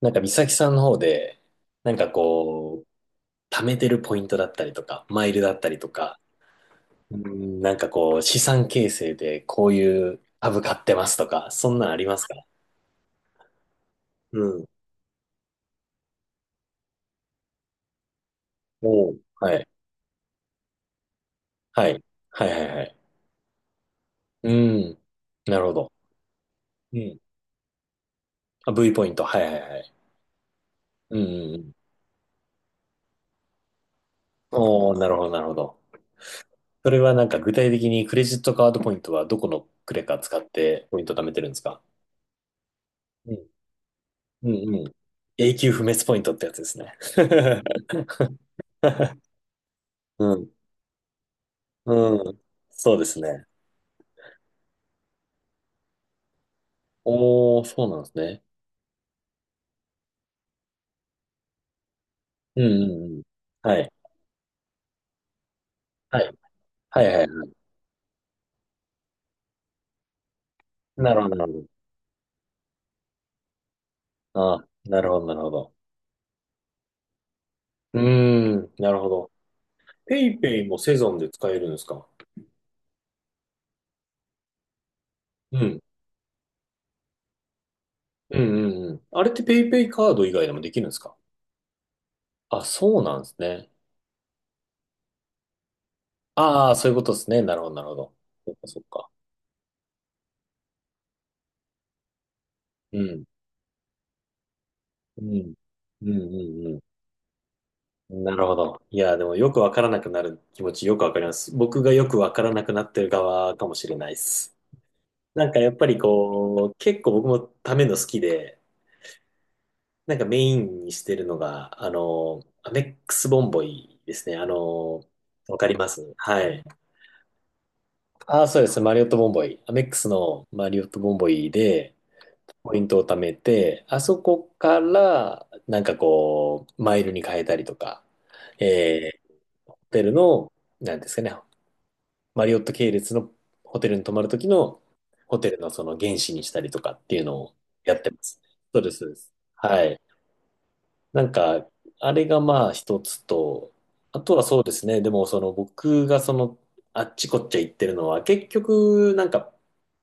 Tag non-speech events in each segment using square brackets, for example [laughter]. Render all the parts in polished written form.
なんか美咲さんの方で、なんかこう、貯めてるポイントだったりとか、マイルだったりとか、うん、なんかこう、資産形成でこういう株買ってますとか、そんなんありますか？うん。おうはい。はい。はいはいはい。うん。なるほど。うん。あ、V ポイント。はいはいはい。うんうんうん。おおなるほどなるほど。それはなんか具体的にクレジットカードポイントはどこのクレカ使ってポイント貯めてるんですか？うんうんうん。永久不滅ポイントってやつですね。[laughs] うん。うん。そうですね。おー、そうなんですね。うんうんうん。はい。はい。はいはい。なるほど、なるほど。あ、なるほど、なるほど。うーん、なるほど。ペイペイもセゾンで使えるんですか？うん。うんうんうん。あれってペイペイカード以外でもできるんですか？あ、そうなんですね。ああ、そういうことですね。なるほど、なるほど。そっか、そっか。うん。うん。うんうんうん。なるほど。いや、でもよくわからなくなる気持ちよくわかります。僕がよくわからなくなってる側かもしれないです。なんかやっぱりこう、結構僕もための好きで、なんかメインにしてるのが、アメックスボンボイですね。わかります。はい。ああ、そうです。マリオットボンボイ。アメックスのマリオットボンボイで、ポイントを貯めて、あそこから、なんかこう、マイルに変えたりとか、えー、ホテルの、なんですかね、マリオット系列のホテルに泊まるときの、ホテルのその原資にしたりとかっていうのをやってます。そうです、そうです。はい。なんか、あれがまあ一つと、あとはそうですね、でもその僕があっちこっち行ってるのは、結局、なんか、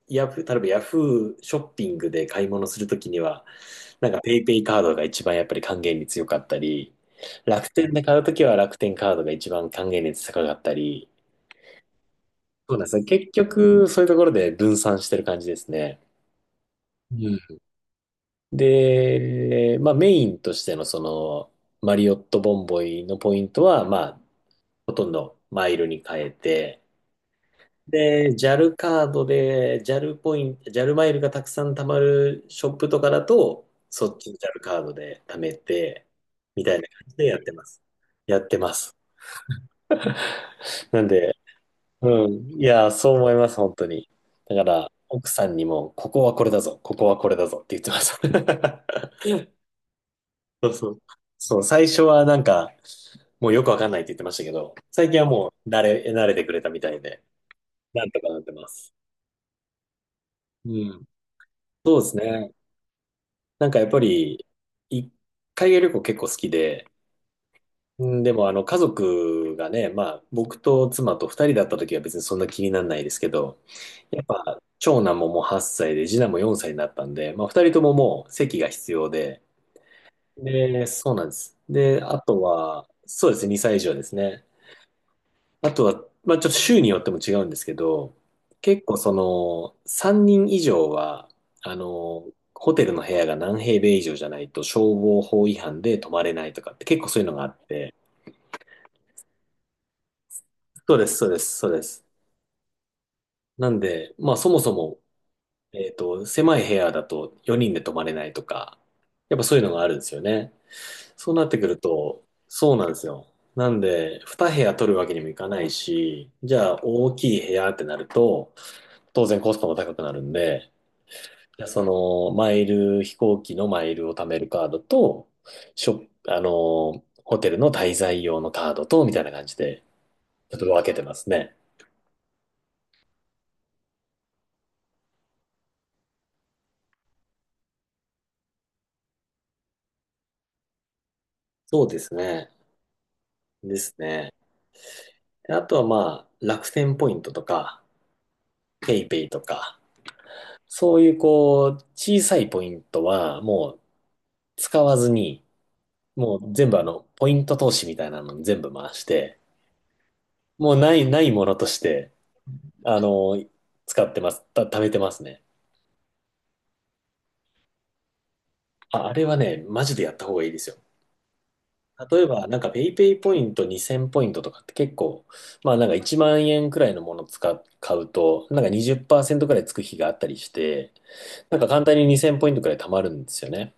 ヤフー、例えばヤフーショッピングで買い物するときには、なんかペイペイカードが一番やっぱり還元率良かったり、楽天で買うときは楽天カードが一番還元率高かったり、そうなんですね。結局、そういうところで分散してる感じですね。うん。で、まあメインとしてのその、マリオットボンボイのポイントは、まあ、ほとんどマイルに変えて、で、JAL カードで、JAL ポイント、ジャルマイルがたくさん貯まるショップとかだと、そっちの JAL カードで貯めて、みたいな感じでやってます。やってます。なんで。うん。いや、そう思います、本当に。だから、奥さんにも、ここはこれだぞ、ここはこれだぞって言ってました。[laughs] そうそう。そう、最初はなんか、もうよくわかんないって言ってましたけど、最近はもう慣れてくれたみたいで、なんとかなってます。うん。そうですね。なんかやっぱり、一海外旅行結構好きで、うんでも、家族がね、まあ、僕と妻と二人だった時は別にそんな気にならないですけど、やっぱ、長男ももう8歳で、次男も4歳になったんで、まあ、二人とももう席が必要で、で、そうなんです。で、あとは、そうですね、2歳以上ですね。あとは、まあ、ちょっと州によっても違うんですけど、結構3人以上は、あの、ホテルの部屋が何平米以上じゃないと消防法違反で泊まれないとかって結構そういうのがあって、そうです、そうです、そうです。なんで、まあそもそも、狭い部屋だと4人で泊まれないとか、やっぱそういうのがあるんですよね。そうなってくると、そうなんですよ。なんで、2部屋取るわけにもいかないし、じゃあ大きい部屋ってなると、当然コストも高くなるんで、じゃあその、マイル、飛行機のマイルを貯めるカードと、ショップ、あの、ホテルの滞在用のカードと、みたいな感じで、ちょっと分けてますね。そうですね。ですね。あとはまあ、楽天ポイントとか、ペイペイとか、そういうこう、小さいポイントはもう使わずに、もう全部ポイント投資みたいなのに全部回して、もうないものとして、あの、使ってます、た、貯めてますね。あ、あれはね、マジでやった方がいいですよ。例えば、なんかペイペイポイント2000ポイントとかって結構、まあなんか1万円くらいのもの買うと、なんか20%くらいつく日があったりして、なんか簡単に2000ポイントくらい貯まるんですよね。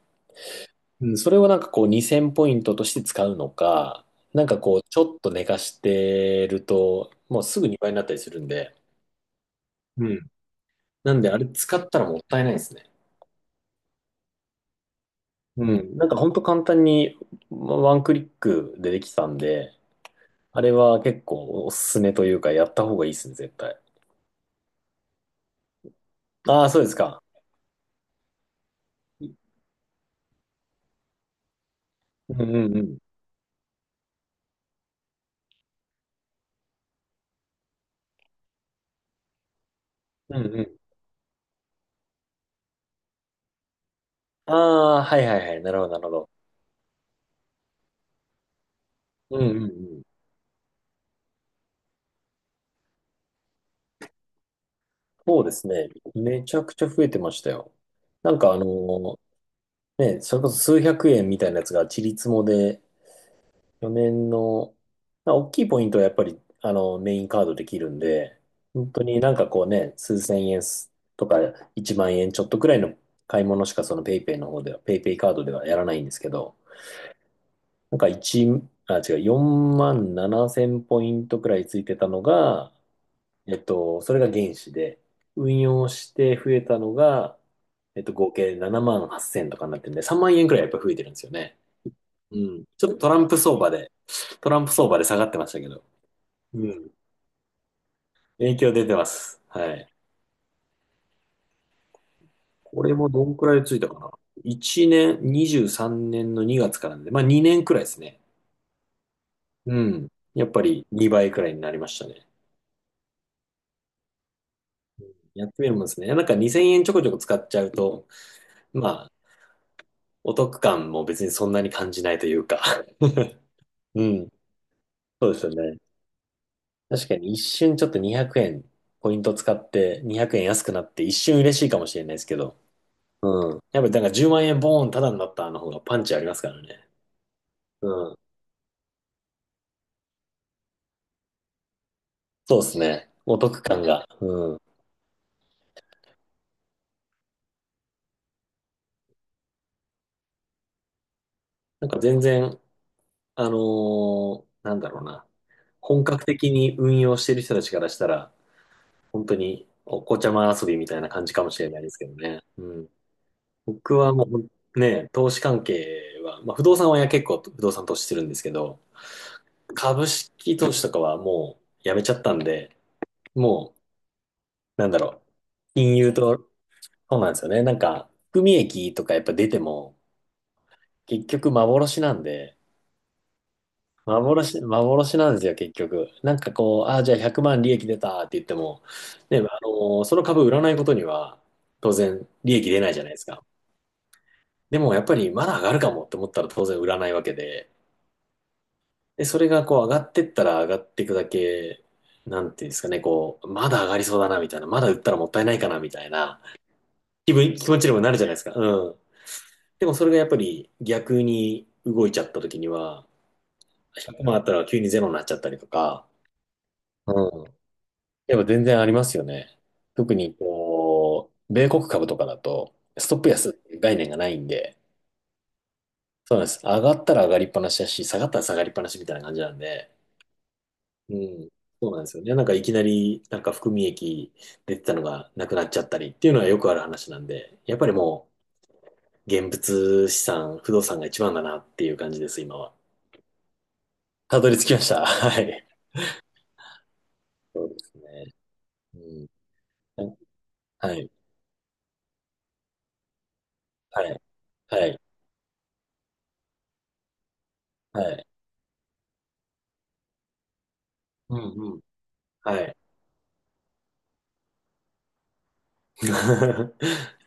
うん。それをなんかこう2000ポイントとして使うのか、なんかこうちょっと寝かしてると、もうすぐ2倍になったりするんで、うん。なんであれ使ったらもったいないですね。うん。ん。なんかほんと簡単にワンクリックでできたんで、あれは結構おすすめというかやった方がいいですね、絶対。ああ、そうですか。うんうんうん。うんうん。ああ、はいはいはい。なるほど、なるほど。うんうんうん。そうですね。めちゃくちゃ増えてましたよ。なんかね、それこそ数百円みたいなやつがちりつもで、4年の、まあ大きいポイントはやっぱり、メインカードできるんで、本当になんかこうね、数千円とか1万円ちょっとくらいの買い物しかそのペイペイの方では、ペイペイカードではやらないんですけど、なんか1、あ、違う、4万7千ポイントくらいついてたのが、それが原資で、運用して増えたのが、合計7万8千0とかになってるんで、3万円くらいやっぱ増えてるんですよね。うん。ちょっとトランプ相場で下がってましたけど、うん。影響出てます。はい。これもどんくらいついたかな。1年、23年の2月からなんで、まあ2年くらいですね。うん。やっぱり2倍くらいになりましたね。やってみるもんですね。なんか2000円ちょこちょこ使っちゃうと、まあ、お得感も別にそんなに感じないというか [laughs] うん。そうですよね。確かに一瞬ちょっと200円、ポイント使って200円安くなって一瞬嬉しいかもしれないですけど。うん。やっぱりなんか10万円ボーンタダになったの方がパンチありますからね。うん。そうですね。お得感が。うん。なんか全然、あのなんだろうな。本格的に運用してる人たちからしたら、本当にお子ちゃま遊びみたいな感じかもしれないですけどね。うん。僕はもうね、投資関係は、まあ不動産はや結構不動産投資してるんですけど、株式投資とかはもうやめちゃったんで、もう、なんだろう、金融と、そうなんですよね。なんか、含み益とかやっぱ出ても、結局幻なんで、幻、幻なんですよ、結局。なんかこう、ああ、じゃあ100万利益出たって言っても、ね、その株売らないことには、当然利益出ないじゃないですか。でもやっぱりまだ上がるかもって思ったら当然売らないわけで、で、それがこう上がってったら上がっていくだけ、なんていうんですかね、こう、まだ上がりそうだなみたいな、まだ売ったらもったいないかなみたいな気持ちにもなるじゃないですか。うん。でもそれがやっぱり逆に動いちゃった時には、100万あったら急にゼロになっちゃったりとか、うん。やっぱ全然ありますよね。特にこう、米国株とかだと、ストップ安っていう概念がないんで、そうなんです。上がったら上がりっぱなしだし、下がったら下がりっぱなしみたいな感じなんで、うん。そうなんですよね。なんかいきなり、なんか含み益出てたのがなくなっちゃったりっていうのはよくある話なんで、やっぱりもう現物資産、不動産が一番だなっていう感じです、今は。たどり着きました。[laughs] はい。そうですね。うん。はい。はい。はい。はい。うんうん。はい。[laughs]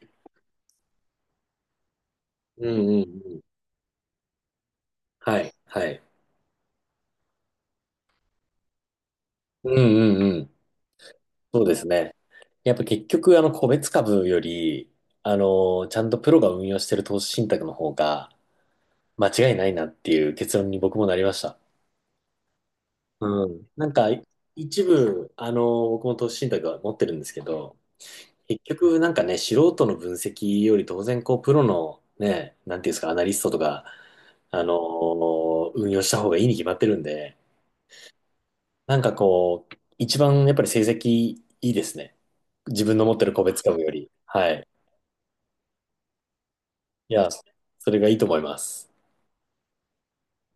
うんうんうん。はい。はい。うんうんうん。そうですね。やっぱ結局、個別株より、ちゃんとプロが運用してる投資信託の方が、間違いないなっていう結論に僕もなりました。うん。なんか、一部、僕も投資信託は持ってるんですけど、結局なんかね、素人の分析より当然こう、プロのね、なんていうんですか、アナリストとか、運用した方がいいに決まってるんで、なんかこう、一番やっぱり成績いいですね。自分の持ってる個別株より。はい。いや、それがいいと思います。